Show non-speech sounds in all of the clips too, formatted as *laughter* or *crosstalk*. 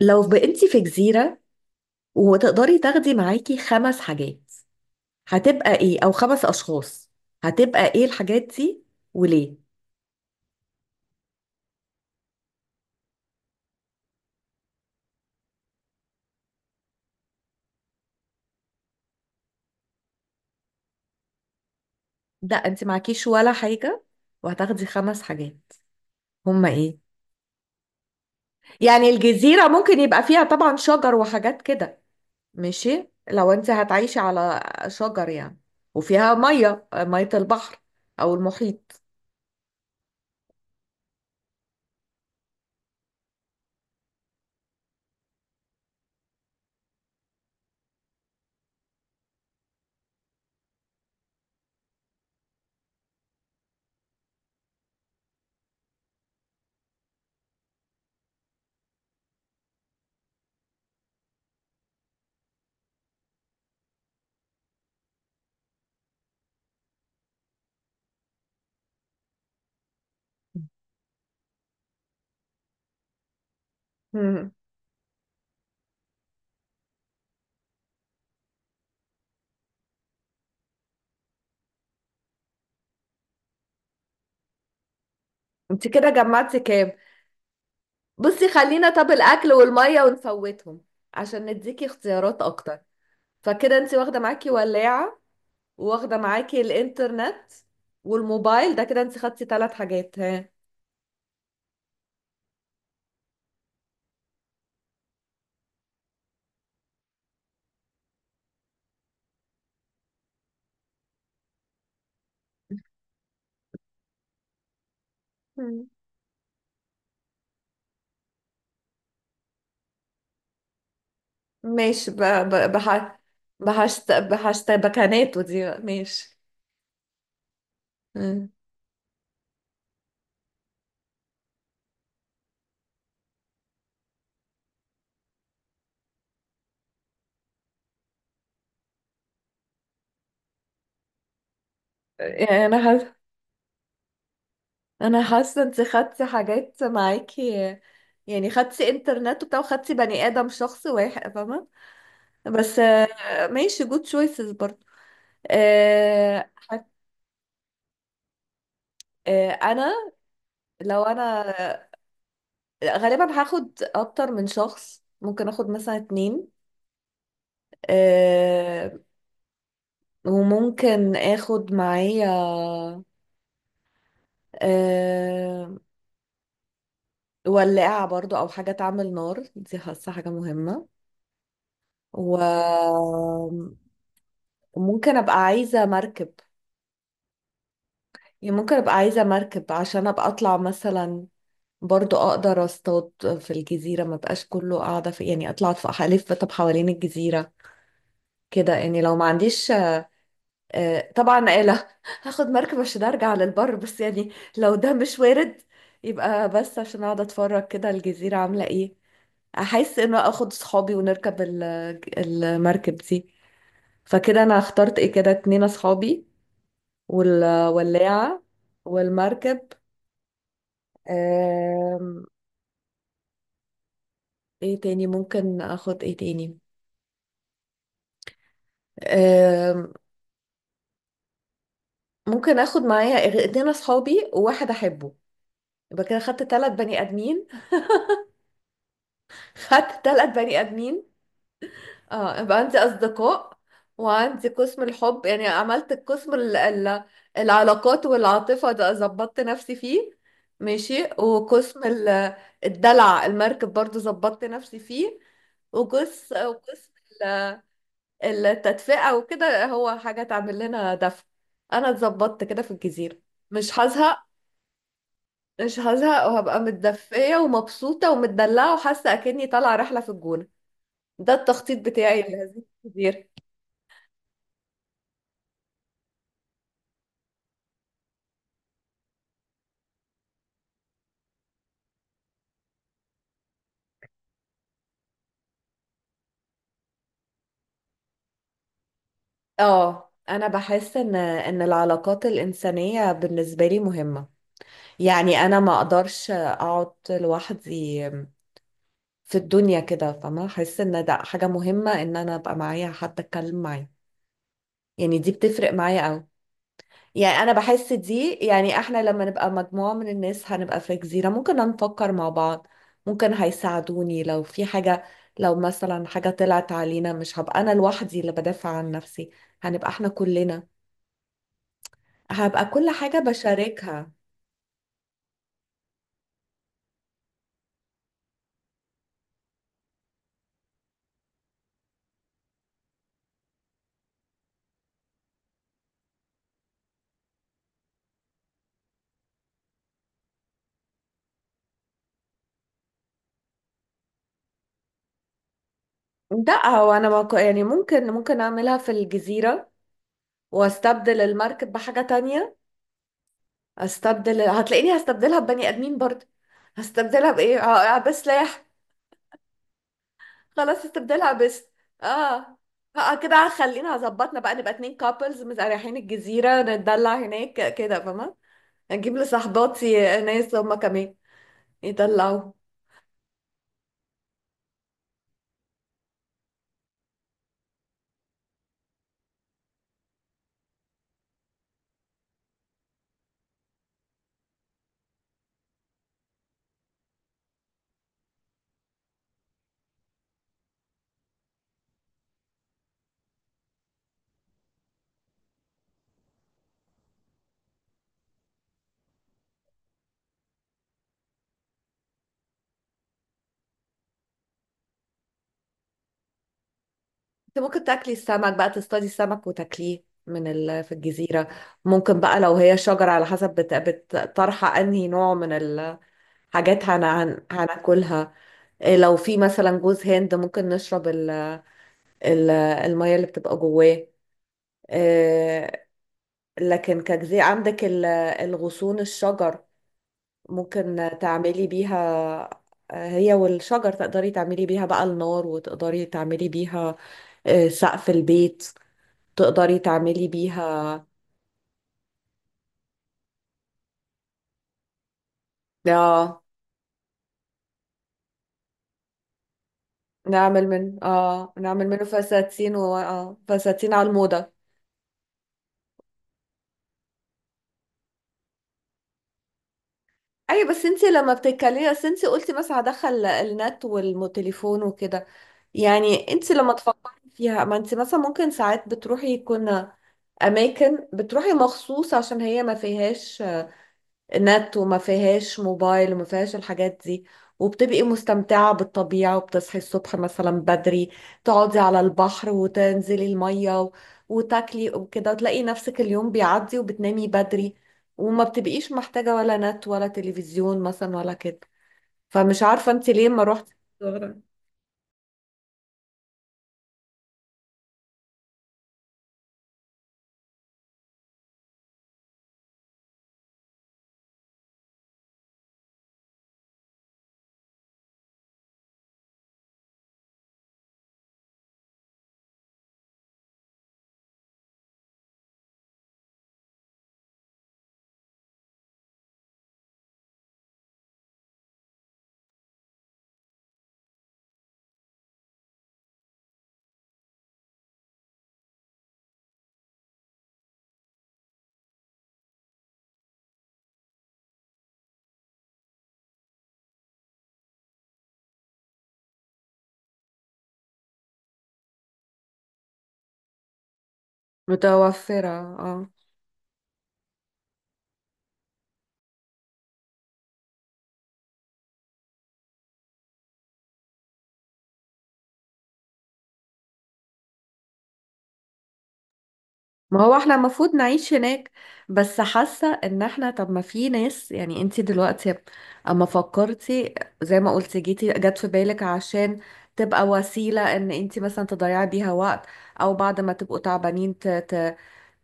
لو بقيتي في جزيرة وتقدري تاخدي معاكي 5 حاجات، هتبقى ايه؟ او 5 اشخاص، هتبقى ايه الحاجات دي وليه؟ لا، انت معكيش ولا حاجة وهتاخدي 5 حاجات. هما ايه؟ يعني الجزيرة ممكن يبقى فيها طبعا شجر وحاجات كده. ماشي لو انت هتعيشي على شجر يعني. وفيها مية مية البحر او المحيط. مم. انت كده جمعتي كام؟ بصي، خلينا طب الاكل والمية ونفوتهم عشان نديكي اختيارات اكتر. فكده انت واخده معاكي ولاعه، واخده معاكي الانترنت والموبايل، ده كده انت خدتي 3 حاجات. ها؟ مم. ماشي بحشت بكاناته دي بقى. ماشي. مم. يعني انا حاسه انت خدتي حاجات معاكي. يعني خدتي انترنت وبتاع وخدتي بني ادم شخص واحد، فاهمه؟ بس ماشي، جود تشويسز برضه. آه، حت- آه، انا لو انا غالبا هاخد اكتر من شخص، ممكن اخد مثلا 2. أه. وممكن اخد معايا أه ولاعة برضو او حاجة تعمل نار، دي حاسة حاجة مهمة. وممكن ابقى عايزة مركب. يعني ممكن ابقى عايزة مركب عشان ابقى اطلع مثلا برضو اقدر اصطاد. في الجزيرة ما بقاش كله قاعدة في، يعني اطلع في الف طب حوالين الجزيرة كده، يعني لو ما عنديش طبعا آلة. *laughs* هاخد مركب عشان ارجع للبر، بس يعني لو ده مش وارد يبقى بس عشان اقعد اتفرج كده الجزيرة عاملة ايه. احس انه اخد صحابي ونركب المركب دي. فكده انا اخترت ايه كده، 2 اصحابي والولاعة والمركب. آم، ايه تاني، ممكن اخد ايه تاني؟ آم، ممكن اخد معايا اتنين اصحابي وواحد احبه. يبقى كده خدت 3 بني ادمين. *laughs* خدت 3 بني ادمين. اه، يبقى عندي اصدقاء وعندي قسم الحب، يعني عملت القسم العلاقات والعاطفة ده ظبطت نفسي فيه. ماشي، وقسم الدلع، المركب برضو ظبطت نفسي فيه. وقسم ال- التدفئة وكده، هو حاجة تعمل لنا دفء. انا اتظبطت كده في الجزيرة، مش هزهق. مش هزهق وهبقى متدفية ومبسوطة ومتدلعة وحاسة اكني طالعة رحلة في الجونة. ده التخطيط بتاعي لهذه الجزيرة. اه، انا بحس ان العلاقات الانسانيه بالنسبه لي مهمه. يعني انا ما اقدرش اقعد لوحدي في الدنيا كده، فما احس ان ده حاجه مهمه ان انا ابقى معايا حد اتكلم معاه. يعني دي بتفرق معايا قوي. يعني انا بحس دي، يعني احنا لما نبقى مجموعه من الناس هنبقى في جزيره ممكن نفكر مع بعض. ممكن هيساعدوني لو في حاجه. لو مثلا حاجه طلعت علينا مش هبقى انا لوحدي اللي بدافع عن نفسي، هنبقى احنا كلنا. هبقى كل حاجة بشاركها. لا، هو انا ما ك- يعني ممكن اعملها في الجزيرة واستبدل المركب بحاجة تانية. هتلاقيني هستبدلها ببني ادمين برضه. هستبدلها بايه؟ اه، بسلاح. خلاص استبدلها بس. اه. اه، كده خلينا هظبطنا بقى، نبقى 2 كابلز رايحين الجزيرة نتدلع هناك كده، فاهمة؟ نجيب لصاحباتي ناس هما كمان يطلعوا. انت ممكن تاكلي السمك بقى، تصطادي السمك وتاكليه من في الجزيرة. ممكن بقى لو هي شجرة على حسب طرحة، انهي نوع من الحاجات هناكلها. إيه، لو في مثلا جوز هند ممكن نشرب المية اللي بتبقى جواه. إيه، لكن كجزيرة عندك الغصون الشجر ممكن تعملي بيها. هي والشجر تقدري تعملي بيها بقى النار، وتقدري تعملي بيها سقف البيت، تقدري تعملي بيها. اه، نعمل منه فساتين و... اه فساتين على الموضة. اي، بس انت لما بتتكلمي بس انت قلتي بس هدخل النت والتليفون وكده. يعني انت لما تفكري فيها، ما انت مثلا ممكن ساعات بتروحي يكون اماكن بتروحي مخصوص عشان هي ما فيهاش نت وما فيهاش موبايل وما فيهاش الحاجات دي. وبتبقي مستمتعة بالطبيعة وبتصحي الصبح مثلا بدري، تقعدي على البحر وتنزلي المية وتاكلي وكده، وتلاقي نفسك اليوم بيعدي وبتنامي بدري. وما بتبقيش محتاجة ولا نت ولا تلفزيون مثلا ولا كده. فمش عارفة انت ليه ما روحتي صغرى. متوفرة. اه. ما هو احنا المفروض نعيش هناك بس. حاسة ان احنا، طب ما في ناس، يعني انتي دلوقتي اما فكرتي زي ما قلتي جت في بالك عشان تبقى وسيلة ان انتي مثلا تضيعي بيها وقت، او بعد ما تبقوا تعبانين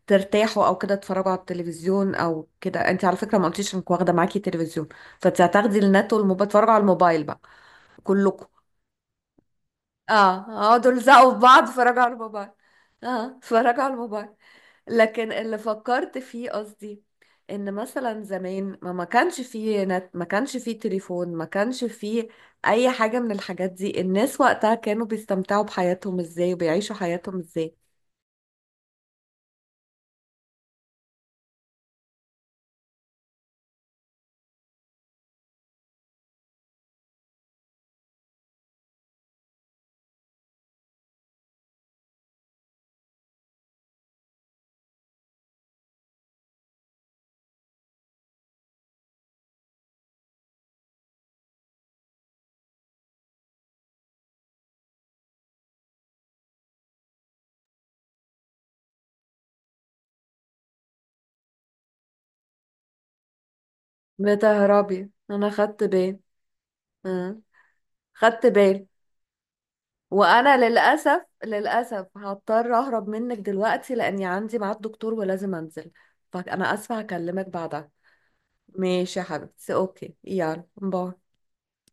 ترتاحوا او كده، تتفرجوا على التلفزيون او كده. انتي على فكرة ما قلتيش انك واخدة معاكي تلفزيون. فانتي هتاخدي النت والموبايل، تتفرجوا على الموبايل بقى كلكم. اه، اقعدوا الزقوا في بعض اتفرجوا على الموبايل. اه، اتفرجوا على الموبايل. لكن اللي فكرت فيه قصدي، ان مثلا زمان ما كانش فيه نت، ما كانش فيه تليفون، ما كانش فيه اي حاجة من الحاجات دي، الناس وقتها كانوا بيستمتعوا بحياتهم ازاي وبيعيشوا حياتهم ازاي؟ بتهربي؟ انا خدت بالي. أه. خدت بالي. وانا للاسف للاسف هضطر اهرب منك دلوقتي، لاني عندي ميعاد دكتور ولازم انزل. فانا اسفة، هكلمك بعدها. ماشي يا حبيبتي، اوكي، يلا باي.